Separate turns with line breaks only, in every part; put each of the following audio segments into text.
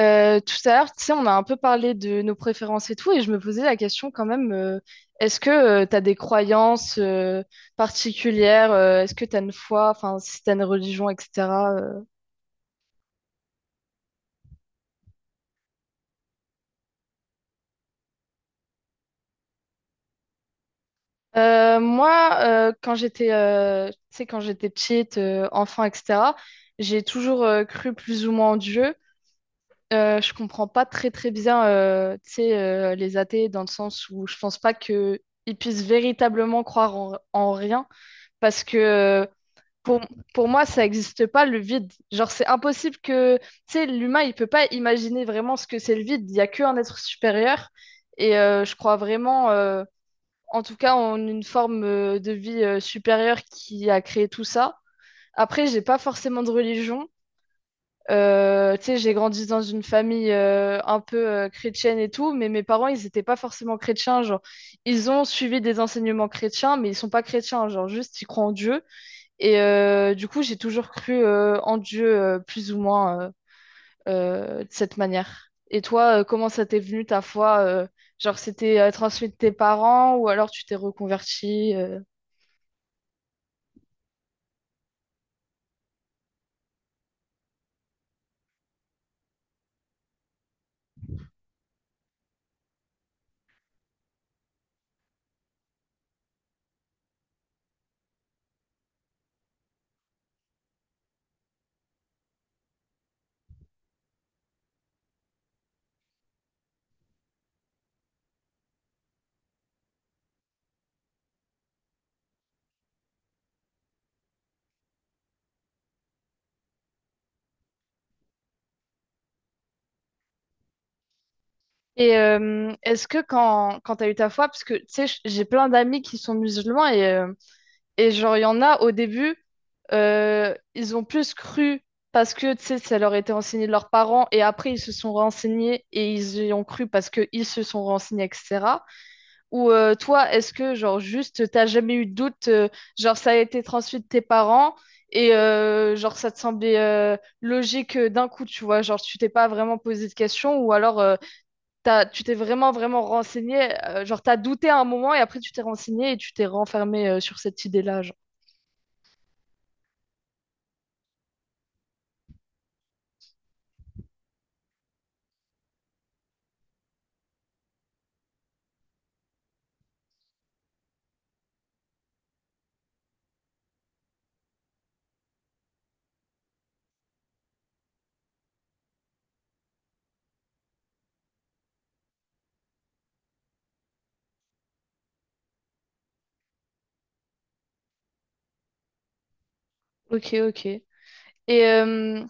Tout à l'heure, tu sais, on a un peu parlé de nos préférences et tout, et je me posais la question quand même, est-ce que tu as des croyances particulières, est-ce que tu as une foi, enfin, si tu as une religion, etc. euh. Moi, quand j'étais, tu sais, quand j'étais petite, enfant, etc., j'ai toujours cru plus ou moins en Dieu. Je comprends pas très très bien, tu sais, les athées dans le sens où je pense pas que ils puissent véritablement croire en, en rien parce que euh, Pour, pour moi, ça n'existe pas le vide. Genre, c'est impossible que, tu sais, l'humain, il peut pas imaginer vraiment ce que c'est le vide. Il n'y a qu'un être supérieur. Et je crois vraiment, en tout cas, en une forme de vie supérieure qui a créé tout ça. Après, j'ai pas forcément de religion. Tu sais, j'ai grandi dans une famille un peu chrétienne et tout, mais mes parents, ils n'étaient pas forcément chrétiens. Genre, ils ont suivi des enseignements chrétiens, mais ils sont pas chrétiens. Genre, juste, ils croient en Dieu. Et du coup, j'ai toujours cru en Dieu plus ou moins de cette manière. Et toi, comment ça t'est venu ta foi? Genre, c'était transmis de tes parents ou alors tu t'es reconverti? Et est-ce que quand, quand t'as eu ta foi, parce que tu sais, j'ai plein d'amis qui sont musulmans et genre, il y en a au début, ils ont plus cru parce que tu sais, ça leur était enseigné de leurs parents et après ils se sont renseignés et ils y ont cru parce qu'ils se sont renseignés, etc. Ou toi, est-ce que genre juste t'as jamais eu de doute, genre ça a été transmis de tes parents et genre ça te semblait logique d'un coup, tu vois, genre tu t'es pas vraiment posé de questions ou alors tu t'es vraiment vraiment renseigné, genre t'as douté à un moment et après tu t'es renseigné et tu t'es renfermé sur cette idée-là, genre. Ok, ok. Et, euh,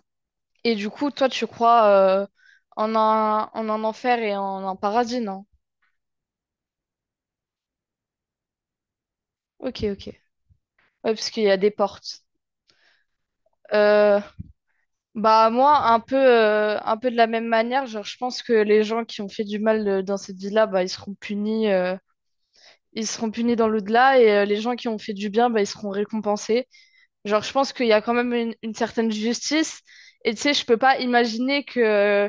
et du coup, toi, tu crois euh, en un enfer et en un paradis, non? Ok, ok. Ouais, parce qu'il y a des portes. Euh, Bah moi un peu de la même manière, genre je pense que les gens qui ont fait du mal dans cette vie-là, bah ils seront punis dans l'au-delà et les gens qui ont fait du bien, bah ils seront récompensés. Genre je pense qu'il y a quand même une certaine justice et tu sais je peux pas imaginer que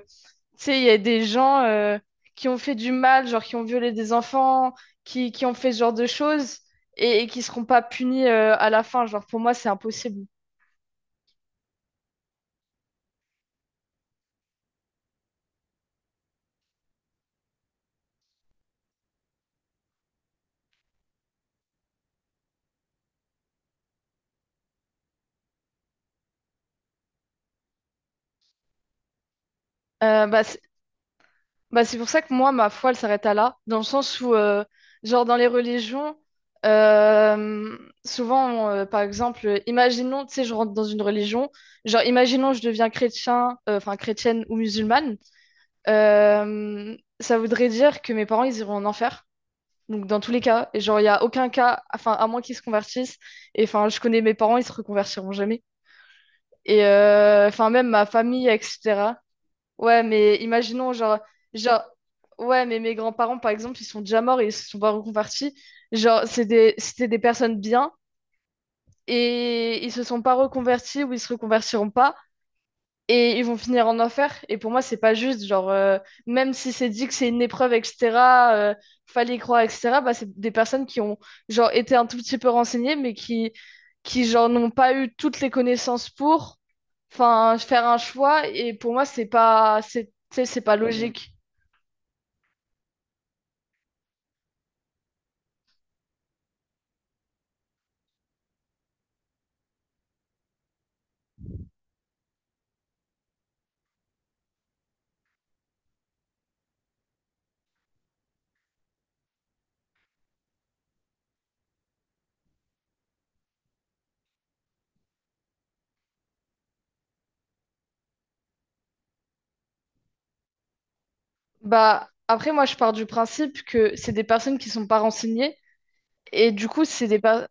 tu sais il y a des gens qui ont fait du mal, genre qui ont violé des enfants, qui ont fait ce genre de choses et qui seront pas punis à la fin, genre pour moi c'est impossible. Euh, bah, c- Bah, c'est pour ça que moi, ma foi, elle s'arrête à là, dans le sens où, genre, dans les religions, euh, souvent, par exemple, imaginons, tu sais, je rentre dans une religion, genre, imaginons, je deviens chrétien, enfin, chrétienne ou musulmane, ça voudrait dire que mes parents, ils iront en enfer. Donc, dans tous les cas, et genre, il n'y a aucun cas, enfin, à moins qu'ils se convertissent, et enfin, je connais mes parents, ils se reconvertiront jamais. Et enfin, même ma famille, etc. Ouais, mais imaginons, genre, ouais, mais mes grands-parents, par exemple, ils sont déjà morts et ils se sont pas reconvertis. Genre, c'était des personnes bien et ils se sont pas reconvertis ou ils se reconvertiront pas et ils vont finir en enfer. Et pour moi, c'est pas juste. Genre, même si c'est dit que c'est une épreuve, etc., euh, fallait y croire, etc., bah, c'est des personnes qui ont genre, été un tout petit peu renseignées, mais qui genre, n'ont pas eu toutes les connaissances pour enfin, faire un choix. Et pour moi, c'est pas, c'est, tu sais, c'est pas logique. Bah, après, moi, je pars du principe que c'est des personnes qui sont pas renseignées. Et du coup,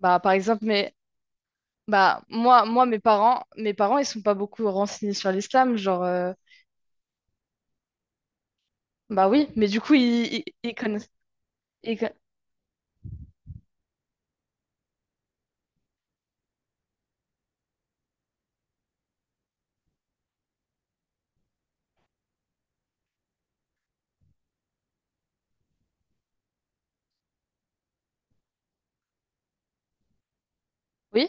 bah, par exemple, mais. Bah, moi, mes parents, ils sont pas beaucoup renseignés sur l'islam. Genre, Bah oui, mais du coup, ils connaissent. ils con- Oui?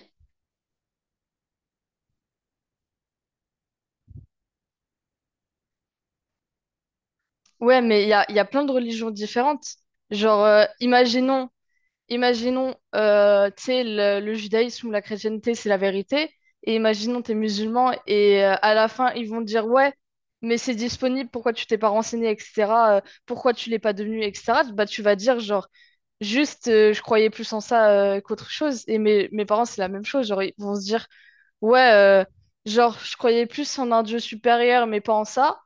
Ouais, mais il y a plein de religions différentes. Genre, imaginons, tu sais, le judaïsme ou la chrétienté, c'est la vérité. Et imaginons, t'es musulman et à la fin, ils vont te dire, ouais, mais c'est disponible, pourquoi tu t'es pas renseigné, etc. euh, pourquoi tu l'es pas devenu, etc. Bah, tu vas dire, genre, juste, je croyais plus en ça qu'autre chose. Et mes parents, c'est la même chose. Genre, ils vont se dire, ouais, genre, je croyais plus en un Dieu supérieur, mais pas en ça.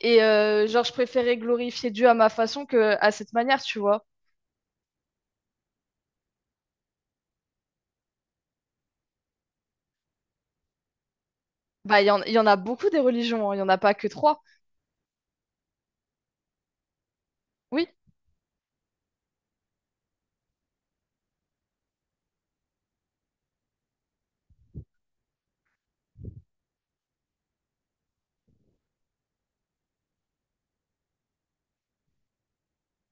Et genre, je préférais glorifier Dieu à ma façon que à cette manière, tu vois. Bah, il y en a beaucoup des religions, hein, il y en a pas que trois. Oui,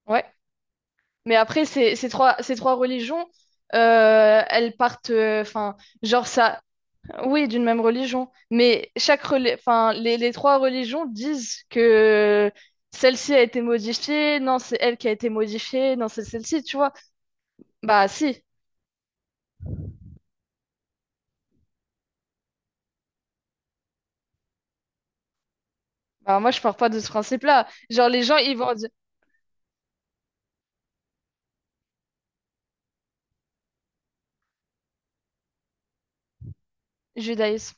ouais. Mais après, ces trois religions, elles partent, enfin, genre ça, oui, d'une même religion. Mais chaque, enfin, les trois religions disent que celle-ci a été modifiée, non, c'est elle qui a été modifiée, non, c'est celle-ci, tu vois. Bah, si. Bah, moi, je pars pas de ce principe-là. Genre, les gens, ils vont dire judaïsme.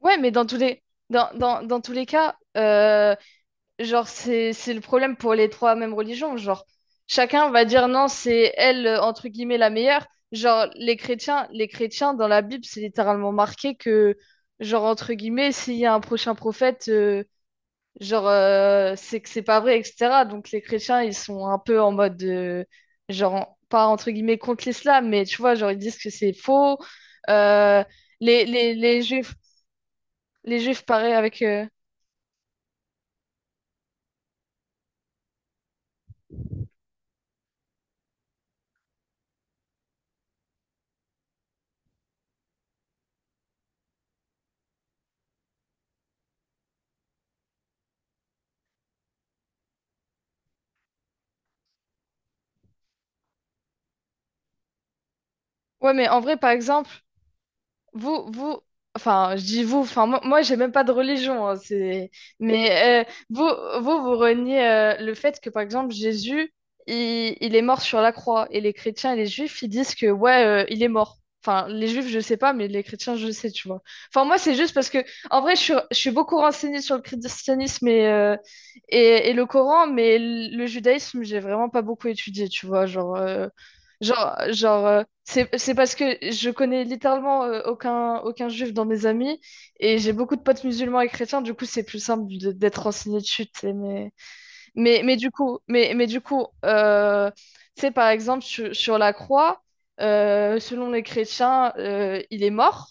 Ouais, mais dans tous les, dans, dans, dans tous les cas, genre, c'est le problème pour les trois mêmes religions. Genre, chacun va dire non, c'est elle, entre guillemets, la meilleure. Genre, les chrétiens, dans la Bible, c'est littéralement marqué que, genre, entre guillemets, s'il y a un prochain prophète, genre, c'est que c'est pas vrai, etc. Donc les chrétiens, ils sont un peu en mode, genre, pas entre guillemets contre l'islam, mais tu vois, genre, ils disent que c'est faux. Euh, les, les, les juifs, les juifs, pareil avec... Ouais, mais en vrai, par exemple, Vous, vous, enfin, je dis vous, enfin, moi j'ai même pas de religion, hein, c'est... Mais vous, vous reniez le fait que, par exemple, Jésus, il est mort sur la croix, et les chrétiens et les juifs, ils disent que, ouais, il est mort. Enfin, les juifs, je sais pas, mais les chrétiens, je sais, tu vois. Enfin, moi, c'est juste parce que, en vrai, je suis beaucoup renseignée sur le christianisme et, et le Coran, mais le judaïsme, j'ai vraiment pas beaucoup étudié, tu vois, genre... genre, c'est parce que je connais littéralement aucun juif dans mes amis et j'ai beaucoup de potes musulmans et chrétiens, du coup c'est plus simple d'être renseigné dessus. Tu sais, mais, mais du coup tu sais, par exemple, sur, sur la croix, selon les chrétiens, il est mort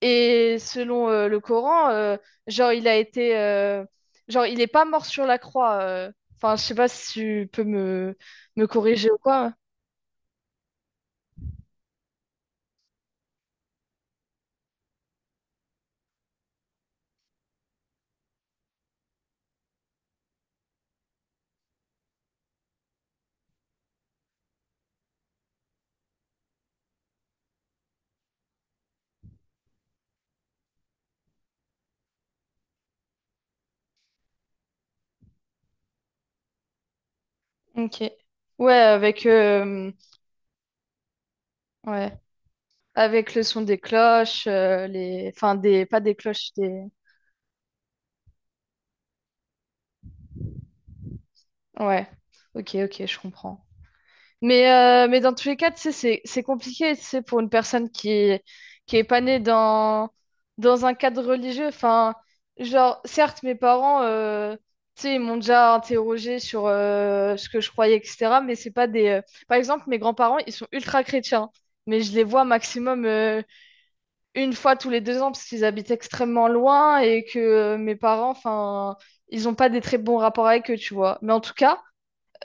et selon le Coran, genre, genre, il n'est pas mort sur la croix. Enfin, je sais pas si tu peux me corriger ou quoi. Ok. Ouais, avec, euh, ouais, avec le son des cloches, les... Enfin, des... pas des cloches, des... Ouais, ok, ok, je comprends. Mais dans tous les cas, tu sais, c'est compliqué, tu sais, pour une personne qui est pas née dans, dans un cadre religieux. Enfin, genre, certes, mes parents, tu sais, ils m'ont déjà interrogé sur ce que je croyais, etc. Mais c'est pas des... Par exemple, mes grands-parents, ils sont ultra chrétiens, mais je les vois maximum une fois tous les deux ans parce qu'ils habitent extrêmement loin et que mes parents, enfin, ils n'ont pas des très bons rapports avec eux, tu vois. Mais en tout cas,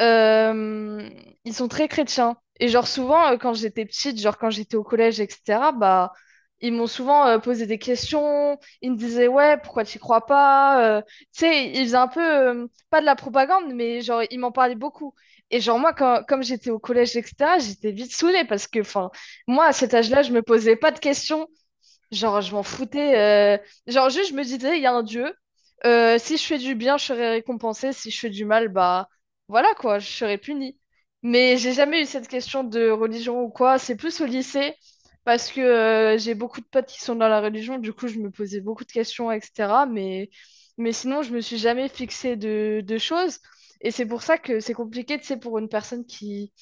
euh, ils sont très chrétiens. Et genre souvent, quand j'étais petite, genre quand j'étais au collège, etc., bah, ils m'ont souvent posé des questions. Ils me disaient, ouais, pourquoi tu crois pas? Tu sais, ils faisaient un peu, pas de la propagande, mais genre, ils m'en parlaient beaucoup. Et genre, quand, comme j'étais au collège, etc., j'étais vite saoulée parce que, enfin, moi, à cet âge-là, je me posais pas de questions. Genre, je m'en foutais. Genre, juste, je me disais, il y a un dieu. Si je fais du bien, je serai récompensée. Si je fais du mal, bah voilà quoi, je serai punie. Mais j'ai jamais eu cette question de religion ou quoi. C'est plus au lycée, parce que j'ai beaucoup de potes qui sont dans la religion. Du coup, je me posais beaucoup de questions, etc. Mais sinon, je me suis jamais fixée de choses. Et c'est pour ça que c'est compliqué, tu sais, pour une personne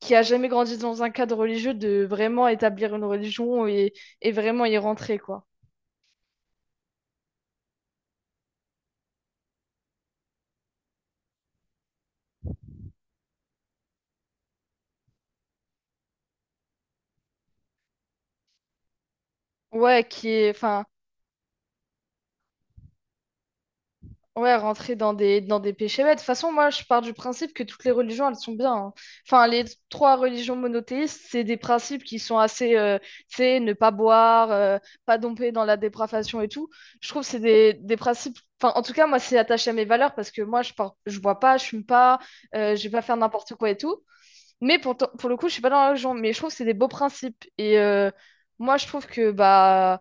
qui a jamais grandi dans un cadre religieux de vraiment établir une religion et vraiment y rentrer, quoi. Ouais, qui est, enfin, ouais, rentrer dans des péchés bêtes. De toute façon, moi, je pars du principe que toutes les religions, elles sont bien, hein. Enfin, les trois religions monothéistes, c'est des principes qui sont assez, tu sais, ne pas boire, pas domper dans la dépravation et tout. Je trouve que c'est des principes. Enfin, en tout cas, moi, c'est attaché à mes valeurs parce que moi, je pars, je bois pas, je fume pas, je vais pas faire n'importe quoi et tout. Mais pour, pour le coup, je suis pas dans la religion, mais je trouve que c'est des beaux principes. Et moi, je trouve que, bah,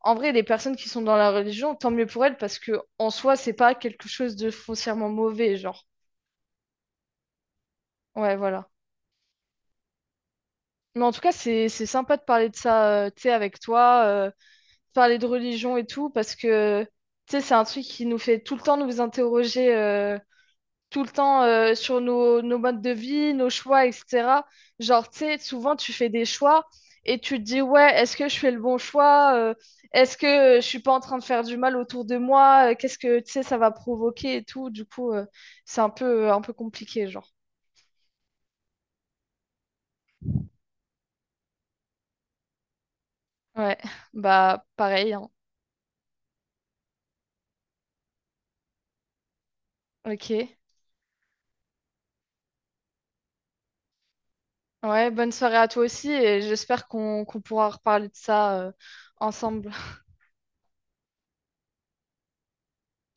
en vrai, les personnes qui sont dans la religion, tant mieux pour elles, parce que en soi, c'est pas quelque chose de foncièrement mauvais, genre. Ouais, voilà. Mais en tout cas, c'est sympa de parler de ça, tu sais, avec toi, parler de religion et tout, parce que, tu sais, c'est un truc qui nous fait tout le temps nous interroger, tout le temps sur nos, nos modes de vie, nos choix, etc. Genre, tu sais, souvent tu fais des choix et tu te dis, ouais, est-ce que je fais le bon choix? Est-ce que je suis pas en train de faire du mal autour de moi? Qu'est-ce que, tu sais, ça va provoquer et tout. Du coup, c'est un peu compliqué, genre. Ouais, bah pareil, hein. Ok. Ouais, bonne soirée à toi aussi et j'espère qu'on pourra reparler de ça ensemble.